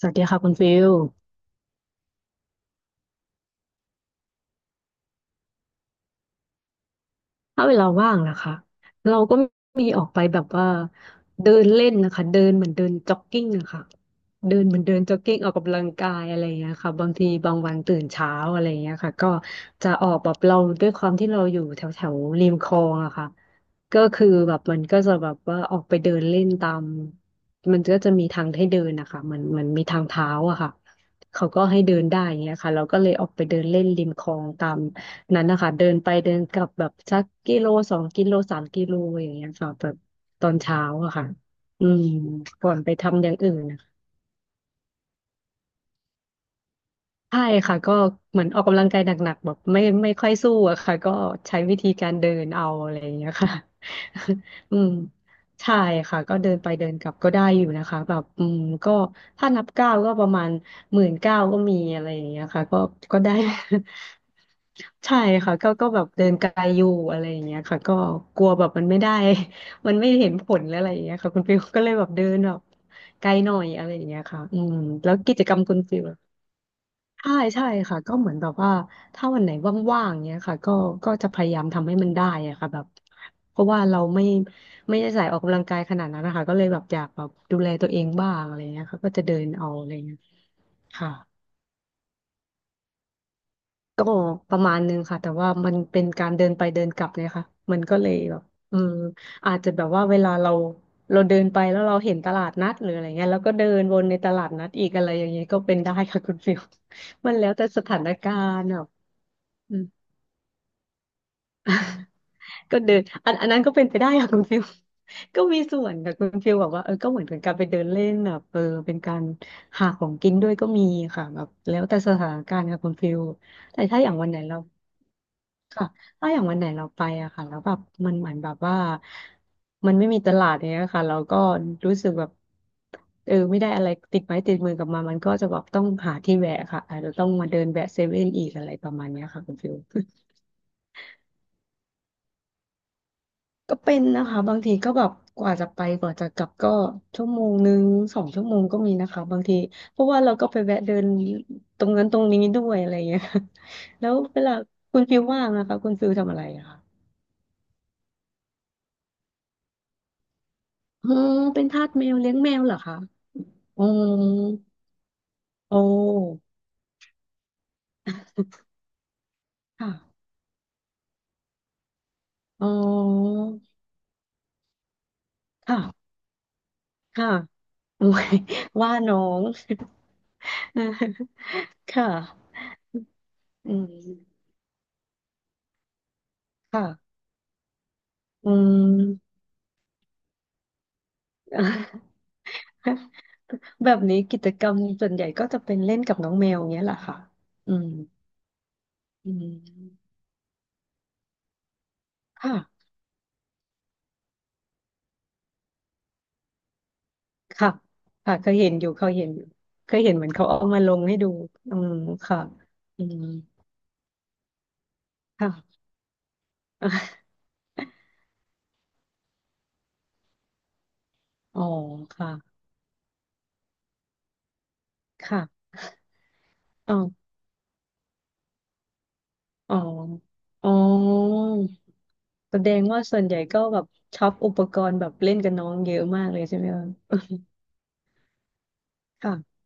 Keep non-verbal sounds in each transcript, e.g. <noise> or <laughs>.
สวัสดีค่ะคุณฟิลถ้าเวลาว่างนะคะเราก็มีออกไปแบบว่าเดินเล่นนะคะเดินเหมือนเดินจ็อกกิ้งอะค่ะเดินเหมือนเดินจ็อกกิ้งออกกำลังกายอะไรอย่างเงี้ยค่ะบางทีบางวันตื่นเช้าอะไรอย่างเงี้ยค่ะก็จะออกแบบเราด้วยความที่เราอยู่แถวแถวริมคลองอะค่ะก็คือแบบมันก็จะแบบว่าออกไปเดินเล่นตามมันก็จะมีทางให้เดินนะคะมันมีทางเท้าอะค่ะเขาก็ให้เดินได้อย่างเงี้ยค่ะเราก็เลยออกไปเดินเล่นริมคลองตาม นั้นนะคะเดินไปเดินกลับแบบสักกิโล2 กิโล3 กิโลอย่างเงี้ยค่ะแบบตอนเช้าอะค่ะอืมก่อนไปทำอย่างอื่นนะคะใช่ค่ะก็เหมือนออกกำลังกายหนักๆแบบไม่ค่อยสู้อะค่ะก็ใช้วิธีการเดินเอาอะไรอย่างเงี้ยค่ะ <laughs> อืมใช่ค่ะก็เดินไปเดินกลับก็ได้อยู่นะคะแบบอืมก็ถ้านับก้าวก็ประมาณ19,000ก็มีอะไรอย่างเงี้ยค่ะก็ได้ <laughs> ใช่ค่ะก็แบบเดินไกลอยู่อะไรอย่างเงี้ยค่ะก็กลัวแบบมันไม่ได้ <laughs> มันไม่เห็นผลอะไรอย่างเงี้ยค่ะคุณฟิลก็เลยแบบเดินแบบไกลหน่อยอะไรอย่างเงี้ยค่ะอืมแล้วกิจกรรมคุณฟิลล่ะใช่ใช่ค่ะก็เหมือนแบบว่าถ้าวันไหนว่างๆเงี้ยค่ะก็จะพยายามทำให้มันได้อะค่ะแบบเพราะว่าเราไม่ได้ใส่ออกกำลังกายขนาดนั้นนะคะก็เลยแบบอยากแบบดูแลตัวเองบ้างอะไรอย่างเงี้ยค่ะก็จะเดินเอาอะไรอย่างเงี้ยค่ะ ก็ประมาณนึงค่ะแต่ว่ามันเป็นการเดินไปเดินกลับเนี่ยค่ะมันก็เลยแบบอืมอาจจะแบบว่าเวลาเราเดินไปแล้วเราเห็นตลาดนัดหรืออะไรเงี้ยแล้วก็เดินวนในตลาดนัดอีกอะไรอย่างเงี้ยก็เป็นได้ค่ะคุณฟิล <laughs> มันแล้วแต่สถานการณ์อ่ะอืม <laughs> ก็เดินอันนั้นก็เป็นไปได้ค่ะคุณฟิล <laughs> ก็มีส่วนค่ะคุณฟิลบอกว่าเออก็เหมือนเป็นการไปเดินเล่นแบบเออเป็นการหาของกินด้วยก็มีค่ะแบบแล้วแต่สถานการณ์ค่ะคุณฟิลแต่ถ้าอย่างวันไหนเรา ค่ะถ้าอย่างวันไหนเราไปอะค่ะแล้วแบบมันเหมือนแบบว่ามันไม่มีตลาดเนี้ยค่ะเราก็รู้สึกแบบเออไม่ได้อะไรติดไม้ติดมือกลับมามันก็จะแบบต้องหาที่แวะค่ะอาจจะต้องมาเดินแวะเซเว่นอีกอะไรประมาณเนี้ยค่ะคุณฟิลก็เป็นนะคะบางทีก็แบบกว่าจะไปกว่าจะกลับก็1 ชั่วโมง2 ชั่วโมงก็มีนะคะบางทีเพราะว่าเราก็ไปแวะเดินตรงนั้นตรงนี้ด้วยอะไรอย่างเงี้ยค่ะแล้วเวลาคุณฟิลว่างนะคะคุณฟิลทำอะไรอะคะ เออเป็นทาสแมวเลี้ยงแมวเหรอคะอ๋อโอ้ค่ะอ๋อค่ะค่ะ <laughs> โอ้ยว่าน้อง <laughs> ค่ะอืมค่ะอืม <laughs> แบบนี้กิจกรรมส่วนใหญ่ก็จะเป็นเล่นกับน้องแมวเงี้ยแหละค่ะอืมอืมค่ะค่ะค่ะเคยเห็นอยู่เคยเห็นอยู่เคยเห็นเหมือนเขาเอามาลงให้ดูอืมค่ะอืมค่ะ <laughs> อ๋อค่ะ ค่ะอ๋ออ๋ออ๋อแสดงว่าส่วนใหญ่ก็แบบช็อปอุปกรณ์แบบเล่นกับน้องเยอะมากเลยใช่ไหมคะ <laughs> ค่ะ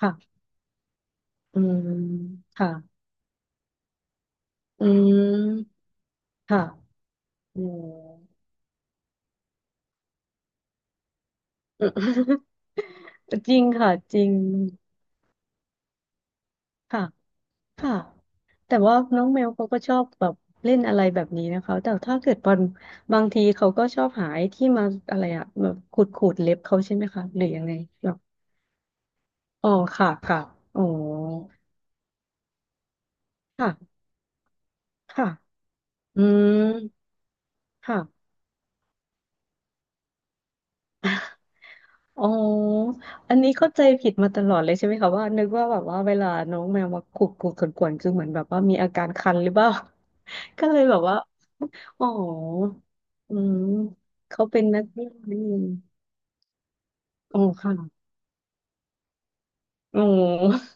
ค่ะอืมค่ะอืมค่ะอืม <laughs> จริงค่ะจริงค่ะ ค่ะ แต่ว่าน้องแมวเขาก็ชอบแบบเล่นอะไรแบบนี้นะคะ แต่ถ้าเกิดบางทีเขาก็ชอบหาไอ้ที่มาอะไรอะแบบขูดขูดเล็บเขาใช่ไหมคะหรือยังไงแบบอ๋อค่ะค่ะอ๋อค่ะ ค่ะอืมค่ะอ๋ออันนี้เข้าใจผิดมาตลอดเลยใช่ไหมคะว่านึกว่าแบบว่าเวลาน้องแมวมาขูดขูดขวนๆคือเหมือนแบบว่ามีอาการคันหรือเปล่า <laughs> ก็เลยแบบว่าอ๋ออืม เขาเป็นนักวิ่งนี่เองอ๋อค่ะอ๋อ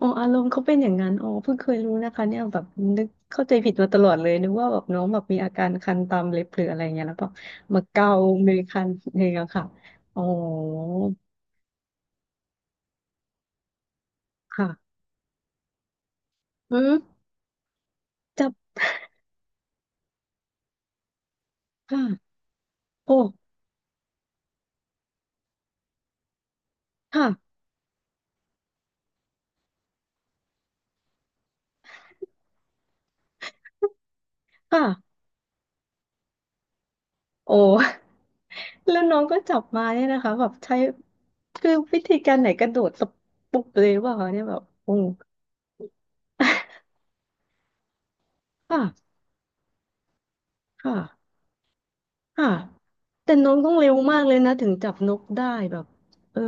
อ๋ออารมณ์เขาเป็นอย่างนั้นอ๋อเพิ่งเคยรู้นะคะเนี่ยแบบนึกเข้าใจผิดมาตลอดเลยนึกว่าแบบน้องแบบมีอาการคันตามเล็บหรืออะไรเงี้ยแล้วก็มาเกามือคันเอ่งเงค่ะอ๋อค่ะ อืมจับค่ะโอ้ค่ะค่ะโอ้ <laughs> แล้วน้องก็จับมาเนี่ยนะคะแบบใช้คือวิธีการไหนกระโดดสปุบเลยว่าคะเนี่ยแบบโอ้ค่ะค่ะค่ะแต่น้องต้องเร็วมากเลยนะถึงจับนกได้แบบเออ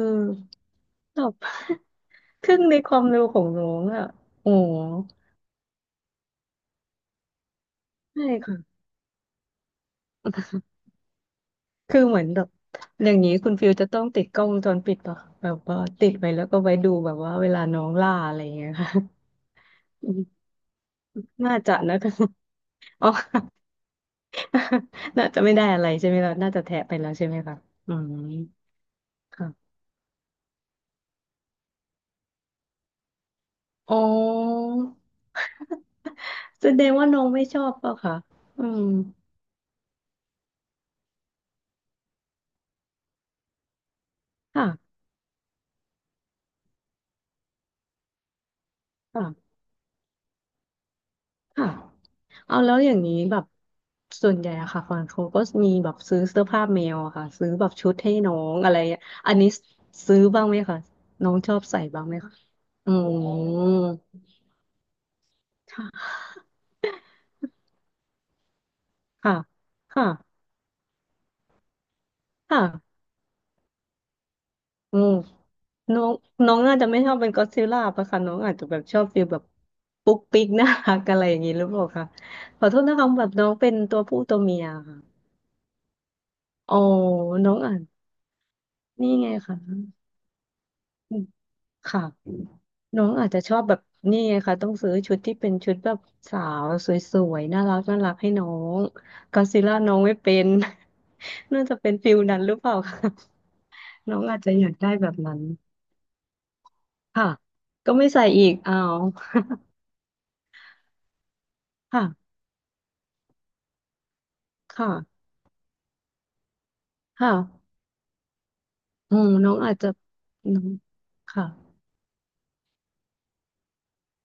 แบบ <laughs> ครึ่งในความเร็วของน้องอ่ะโอ้ใช่ค่ะคือเหมือนแบบอย่างนี้คุณฟิลจะต้องติดกล้องวงจรปิดป่ะแบบว่าติดไว้แล้วก็ไว้ดูแบบว่าเวลาน้องล่าอะไรอย่างเงี้ยค่ะ น่าจะนะ <laughs> คะอ๋อ <laughs> น่าจะไม่ได้อะไรใช่ไหมเราน่าจะแทะไปแล้วใช่ไหมคะอืมค่ะอ๋อแสดงว่าน้องไม่ชอบเปล่ะคะอืมค่ะค่ะค่ะเอาแล้วอย่างนี้แบบส่วนใหญ่อะค่ะฟอนเขาก็มีแบบซื้อเสื้อผ้าแมวอะค่ะซื้อแบบชุดให้น้องอะไรอะ่อันนี้ซื้อบ้างไหมคะน้องชอบใส่บ้างไหมคะอืมค่ะค่ะค่ะค่ะ อืมน้องน้องน่าจะไม่ชอบเป็นก็อดซิลล่าปะคะน้องอาจจะแบบชอบฟีลแบบปุ๊กปิ๊กน่ารักอะไรอย่างนี้หรือเปล่าคะขอโทษนะคะแบบน้องเป็นตัวผู้ตัวเมียค่ะอ๋อน้องอ่านนี่ไงค่ะอืมค่ะน้องอาจจะชอบแบบนี่ไงค่ะต้องซื้อชุดที่เป็นชุดแบบสาวสวยๆน่ารักน่ารักให้น้องก็อดซิลล่าน้องไม่เป็น <laughs> น่าจะเป็นฟิลนั้นหรือเปล่าคะน้องอาจจะอยากได้แบบนั้นค่ะก็ไม่ใส่อีกอ้าว <laughs> ค่ะ ค่ะค่ะอืมน้องอาจจะน้องค่ะ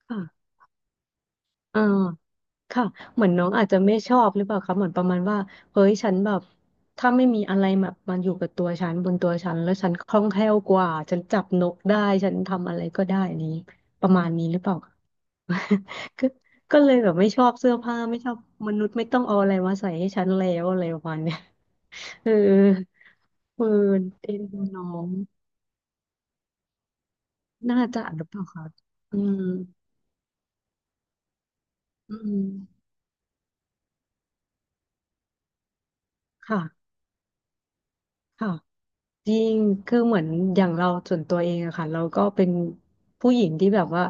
ค่ะอ่าค่ะเหมือนน้องอาจจะไม่ชอบหรือเปล่าคะเหมือนประมาณว่าเฮ้ยฉันแบบถ้าไม่มีอะไรแบบมันอยู่กับตัวฉันบนตัวฉันแล้วฉันคล่องแคล่วกว่าฉันจับนกได้ ฉันทำอะไรก็ได้นี้ประมาณนี้หรือเปล่าคะ <laughs> ก็ก็เลยแบบไม่ชอบเสื้อผ้าไม่ชอบมนุษย์ไม่ต้องเอาอะไรมาใส่ให้ฉันแล้วอะไรประมาณเนี้ย <laughs> เออเออเอ็นดูน้องน่าจะหรือเปล่าคะอืม อืมค่ะค่ะจริงคือเหมือนอย่างเราส่วนตัวเองอะค่ะเราก็เป็นผู้หญิงที่แบบว่า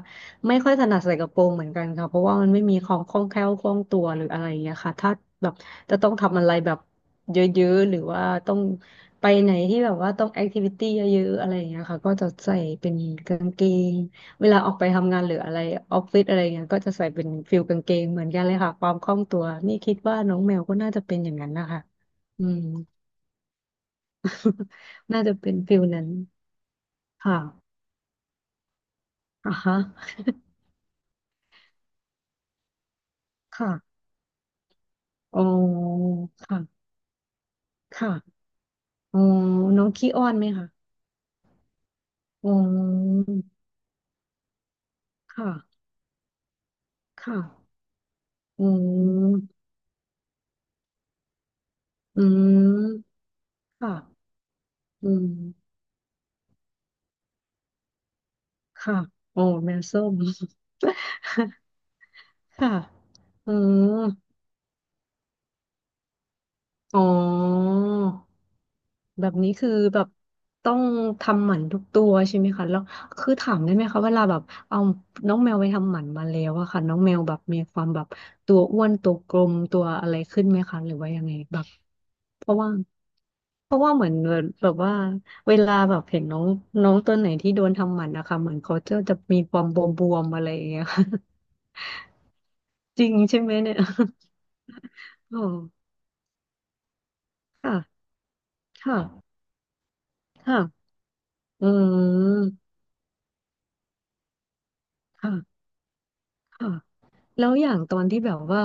ไม่ค่อยถนัดใส่กระโปรงเหมือนกันค่ะเพราะว่ามันไม่มีความคล่องแคล่วคล่องตัวหรืออะไรอย่างเงี้ยค่ะถ้าแบบจะต้องทำอะไรแบบเยอะๆหรือว่าต้องไปไหนที่แบบว่าต้องแอคทิวิตี้เยอะๆอะไรอย่างเงี้ยค่ะก็จะใส่เป็นกางเกงเวลาออกไปทำงานหรืออะไรออฟฟิศอะไรเงี้ยก็จะใส่เป็นฟิลกางเกงเหมือนกันเลยค่ะความคล่องตัวนี่คิดว่าน้องแมวก็น่าจะเป็นอย่างนั้นนะคะอืม <laughs> น่าจะเป็นฟิลนั้นค่ะอ่ะฮะค่ะอ๋อค่ะค่ะอ๋อน้องขี้อ้อนไหมคะอ๋อค่ะค่ะอืมอืมค่ะอืมค่ะอ๋อแมวส้ม <laughs> ค่ะอืมอ๋อ แบบนี้คือแบบต้องทำหมันทุกตัวใช่ไหมคะแล้วคือถามได้ไหมคะเวลาแบบเอาน้องแมวไปทำหมันมาแล้วอะค่ะน้องแมวแบบมีความแบบตัวอ้วนตัวกลมตัวอะไรขึ้นไหมคะหรือว่ายังไงแบบเพราะว่าเหมือนแบบว่าเวลาแบบเห็นน้องน้องตัวไหนที่โดนทำหมันนะคะเหมือนเขาจะมีความบวมๆอะไรอย่างเงี้ย <laughs> จริงใช่ไหมเนี่ย <laughs> อ๋อค่ะค่ะค่ะอืมค่ะ ค่ะแล้วอย่างตอนที่แบบว่า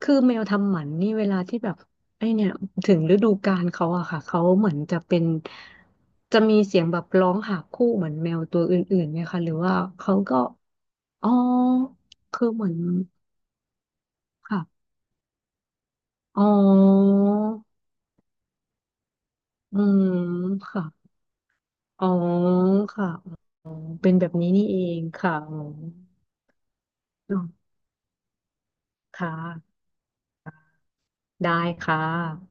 คือแมวทำหมันนี่เวลาที่แบบไอเนี่ยถึงฤดูกาลเขาอะค่ะเขาเหมือนจะเป็นจะมีเสียงแบบร้องหาคู่เหมือนแมวตัวอื่นๆไหมคะหรือว่าเขาก็อ๋อคือเหมือนค่ะอ๋ออืมค่ะอ๋อค่ะอ๋อเป็นแบบนี้นี่เองค่ะอ๋อค่ะได้ค่ะ